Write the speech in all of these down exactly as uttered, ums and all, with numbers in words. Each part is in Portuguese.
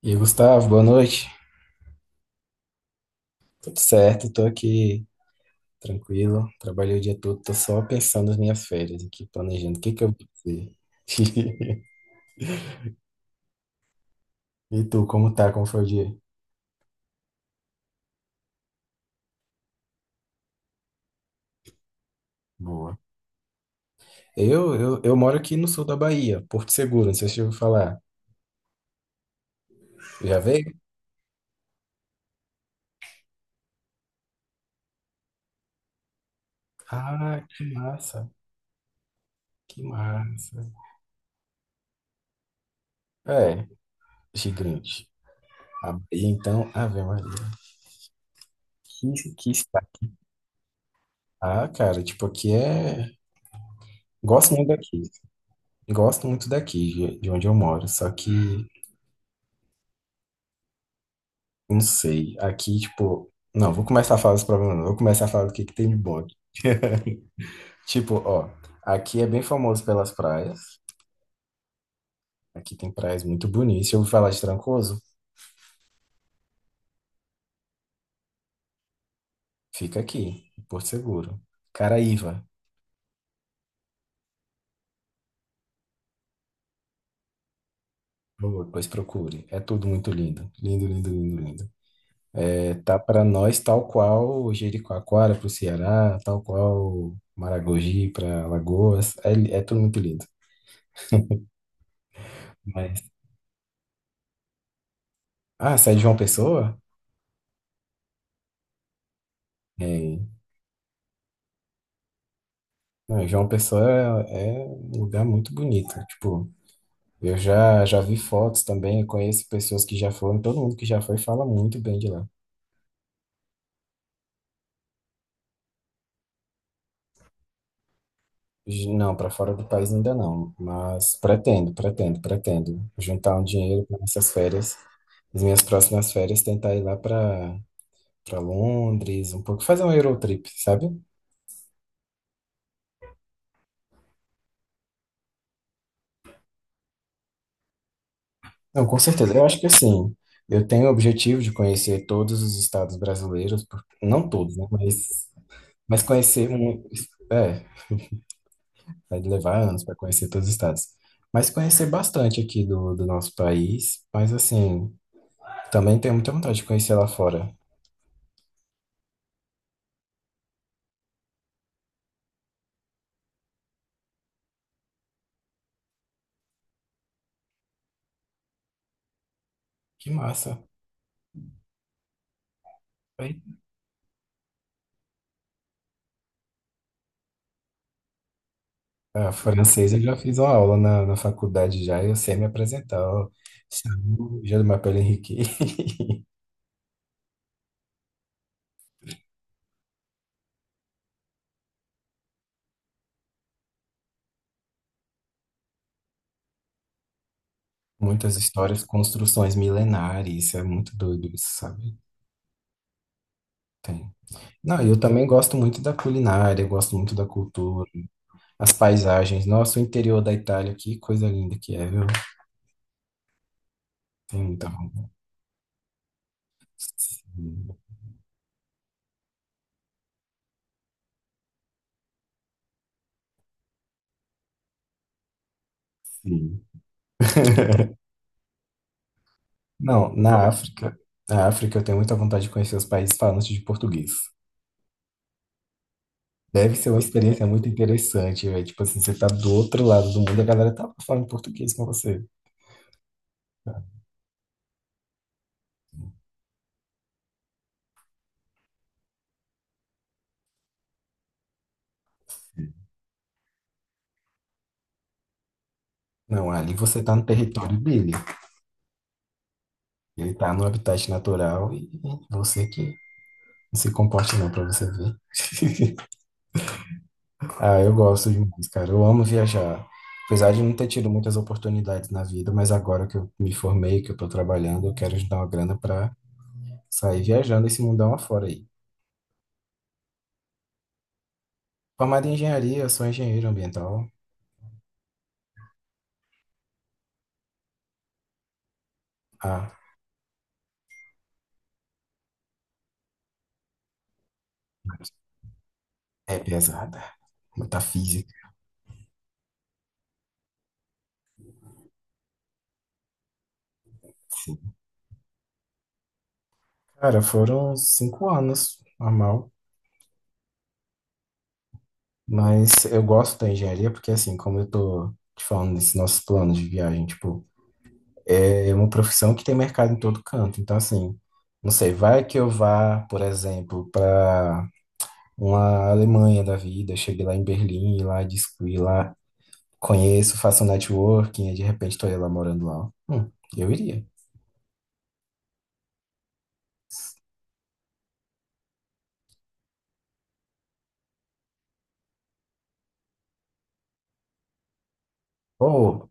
E aí, Gustavo, boa noite. Tudo certo, tô aqui tranquilo. Trabalhei o dia todo, tô só pensando nas minhas férias aqui, planejando o que que eu vou fazer. E tu, como tá? Como foi o dia? Boa. Eu, eu, eu moro aqui no sul da Bahia, Porto Seguro, não sei se eu ouviu falar. Já veio? Ah, que massa, que massa. É, gigante. A Bahia, então, Ave Maria. Que, que está. Ah, cara, tipo, aqui é. Gosto muito daqui. Gosto muito daqui, de de onde eu moro. Só que. Não sei. Aqui, tipo. Não, vou começar a falar dos problemas, não. Vou começar a falar do que que tem de bom aqui. Tipo, ó. Aqui é bem famoso pelas praias. Aqui tem praias muito bonitas. Se eu ouvi falar de Trancoso, fica aqui, em Porto Seguro. Caraíva, por favor, depois procure. É tudo muito lindo. Lindo, lindo, lindo, lindo. É, tá pra nós tal qual Jericoacoara pro Ceará, tal qual Maragogi pra Alagoas. É, é tudo muito lindo. Mas. Ah, sai de João Pessoa? É. Não, João Pessoa é, é um lugar muito bonito. Tipo, eu já, já vi fotos também, conheço pessoas que já foram, todo mundo que já foi fala muito bem de lá. J- Não, para fora do país ainda não, mas pretendo, pretendo, pretendo juntar um dinheiro para essas férias, as minhas próximas férias, tentar ir lá para para Londres, um pouco, fazer um Eurotrip, sabe? Não, com certeza. Eu acho que assim, eu tenho o objetivo de conhecer todos os estados brasileiros, por- não todos, né? Mas, mas conhecer um. É. Vai levar anos para conhecer todos os estados. Mas conhecer bastante aqui do, do nosso país. Mas assim, também tenho muita vontade de conhecer lá fora. Que massa. Aí, a francesa eu já fiz uma aula na, na faculdade já, eu sei me apresentar. Ó. Salut, Je m'appelle Henrique. Muitas histórias, construções milenares, isso é muito doido, isso, sabe? Tem. Não, eu também gosto muito da culinária, eu gosto muito da cultura, as paisagens. Nossa, o interior da Itália, que coisa linda que é, viu? Tem muita vontade. Sim. Não, na África, na África eu tenho muita vontade de conhecer os países falantes de português. Deve ser uma experiência muito interessante, velho. Tipo assim, você tá do outro lado do mundo, a galera tá falando português com você. Não, ali você tá no território dele. Ele tá no habitat natural e você que não se comporta não pra você ver. Ah, eu gosto demais, cara. Eu amo viajar. Apesar de não ter tido muitas oportunidades na vida, mas agora que eu me formei, que eu tô trabalhando, eu quero juntar uma grana pra sair viajando esse mundão afora aí. Formado em engenharia, sou engenheiro ambiental. Ah, é pesada. Muita física. Sim. Cara, foram cinco anos, normal. Mas eu gosto da engenharia porque, assim, como eu tô te falando desses nossos planos de viagem, tipo, é uma profissão que tem mercado em todo canto. Então, assim, não sei, vai que eu vá, por exemplo, para uma Alemanha da vida, chegue lá em Berlim e lá discuti lá, conheço, faço um networking, e de repente estou ela morando lá. Hum, eu iria. Ou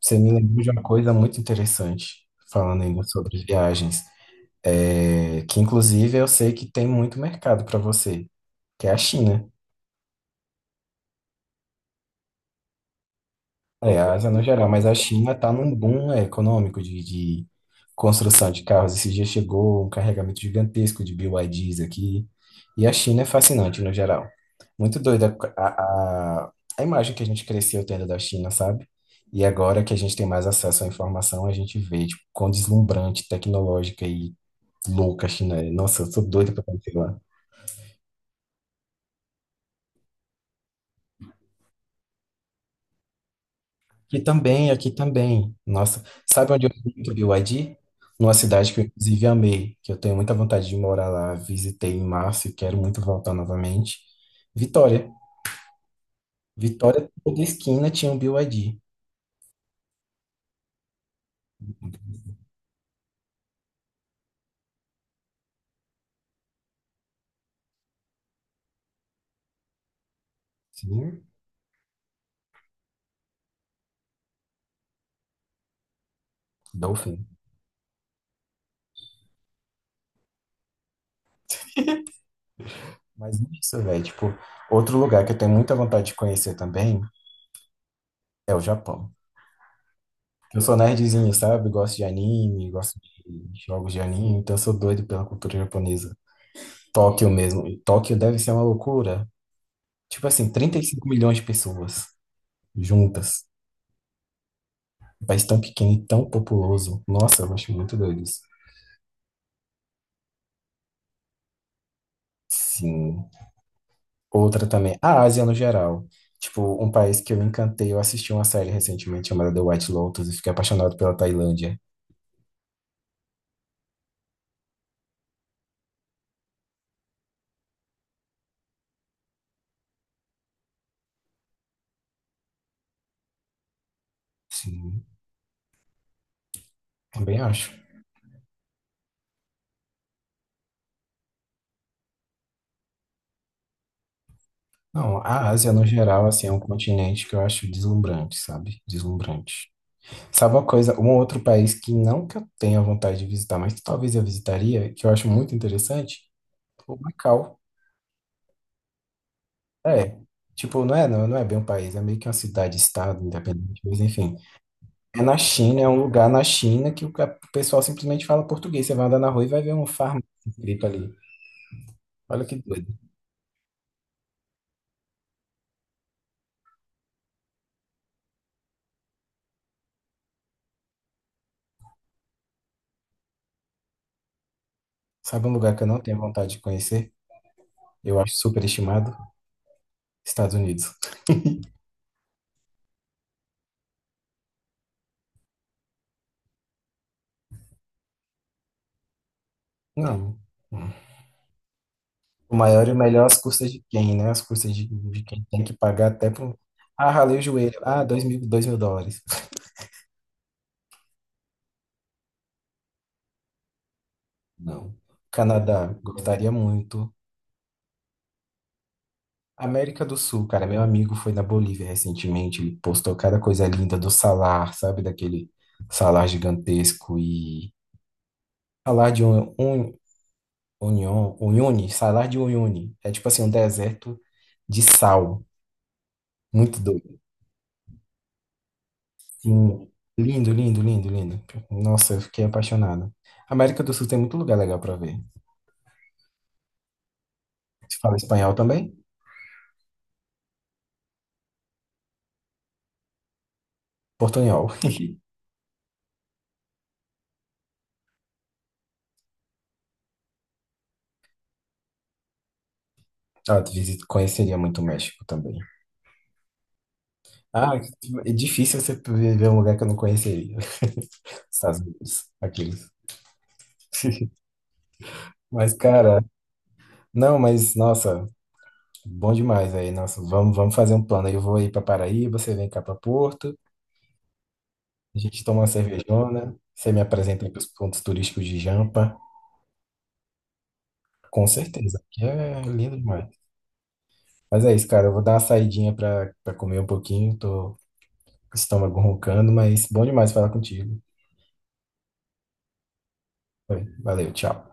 você me lembrou de uma coisa muito interessante, falando ainda sobre viagens, é, que inclusive eu sei que tem muito mercado para você, que é a China. É, a Ásia no geral, mas a China está num boom é, econômico de, de construção de carros. Esse dia chegou um carregamento gigantesco de B Y Ds aqui. E a China é fascinante no geral. Muito doida a, a, a imagem que a gente cresceu tendo da China, sabe? E agora que a gente tem mais acesso à informação, a gente vê, tipo, quão deslumbrante, tecnológica e louca a China é. Nossa, eu sou doido pra conhecer lá. Aqui também, aqui também. Nossa, sabe onde eu fui muito B Y D? Numa cidade que eu, inclusive, amei, que eu tenho muita vontade de morar lá. Visitei em março e quero muito voltar novamente. Vitória. Vitória, toda esquina tinha um B Y D. Sim, Dolphin. Mas isso, velho. Tipo, outro lugar que eu tenho muita vontade de conhecer também é o Japão. Eu sou nerdzinho, sabe? Gosto de anime, gosto de jogos de anime, então eu sou doido pela cultura japonesa. Tóquio mesmo. E Tóquio deve ser uma loucura. Tipo assim, trinta e cinco milhões de pessoas juntas. Um país tão pequeno e tão populoso. Nossa, eu acho muito doido isso. Sim. Outra também, a Ásia no geral. Tipo, um país que eu me encantei, eu assisti uma série recentemente chamada The White Lotus e fiquei apaixonado pela Tailândia. Sim, também acho. Não, a Ásia no geral, assim, é um continente que eu acho deslumbrante, sabe? Deslumbrante. Sabe uma coisa, um outro país que não que eu tenha vontade de visitar, mas que talvez eu visitaria, que eu acho muito interessante, o Macau. É, tipo, não é, não, não é bem um país, é meio que uma cidade-estado independente, mas enfim. É na China, é um lugar na China que o ca- o pessoal simplesmente fala português. Você vai andar na rua e vai ver um farmácia escrito ali. Olha que doido. Sabe um lugar que eu não tenho vontade de conhecer? Eu acho superestimado. Estados Unidos. Não. O maior e o melhor às custas de quem, né? Às custas de, de quem tem que pagar até pro. Ah, ralei o joelho. Ah, dois mil, dois mil dólares. Não. Canadá, gostaria muito. América do Sul, cara, meu amigo foi na Bolívia recentemente, ele postou cada coisa linda do salar, sabe? Daquele salar gigantesco e... Salar de un... un- União, Uyuni, salar de Uyuni. É tipo assim, um deserto de sal. Muito doido. Sim. Lindo, lindo, lindo, lindo. Nossa, eu fiquei apaixonado. América do Sul tem muito lugar legal para ver. Você fala espanhol também? Portunhol. Ah, tu visita- conheceria muito o México também. Ah, é difícil você ver um lugar que eu não conheceria. Estados Unidos, aqueles. Mas, cara, não, mas, nossa, bom demais aí. Nossa, vamos, vamos fazer um plano. Eu vou aí para Paraíba, você vem cá para Porto, a gente toma uma cervejona, você me apresenta aí para os pontos turísticos de Jampa. Com certeza, aqui é lindo demais. Mas é isso, cara. Eu vou dar uma saidinha pra, pra comer um pouquinho. Tô com o estômago roncando, mas bom demais falar contigo. Foi, valeu, tchau.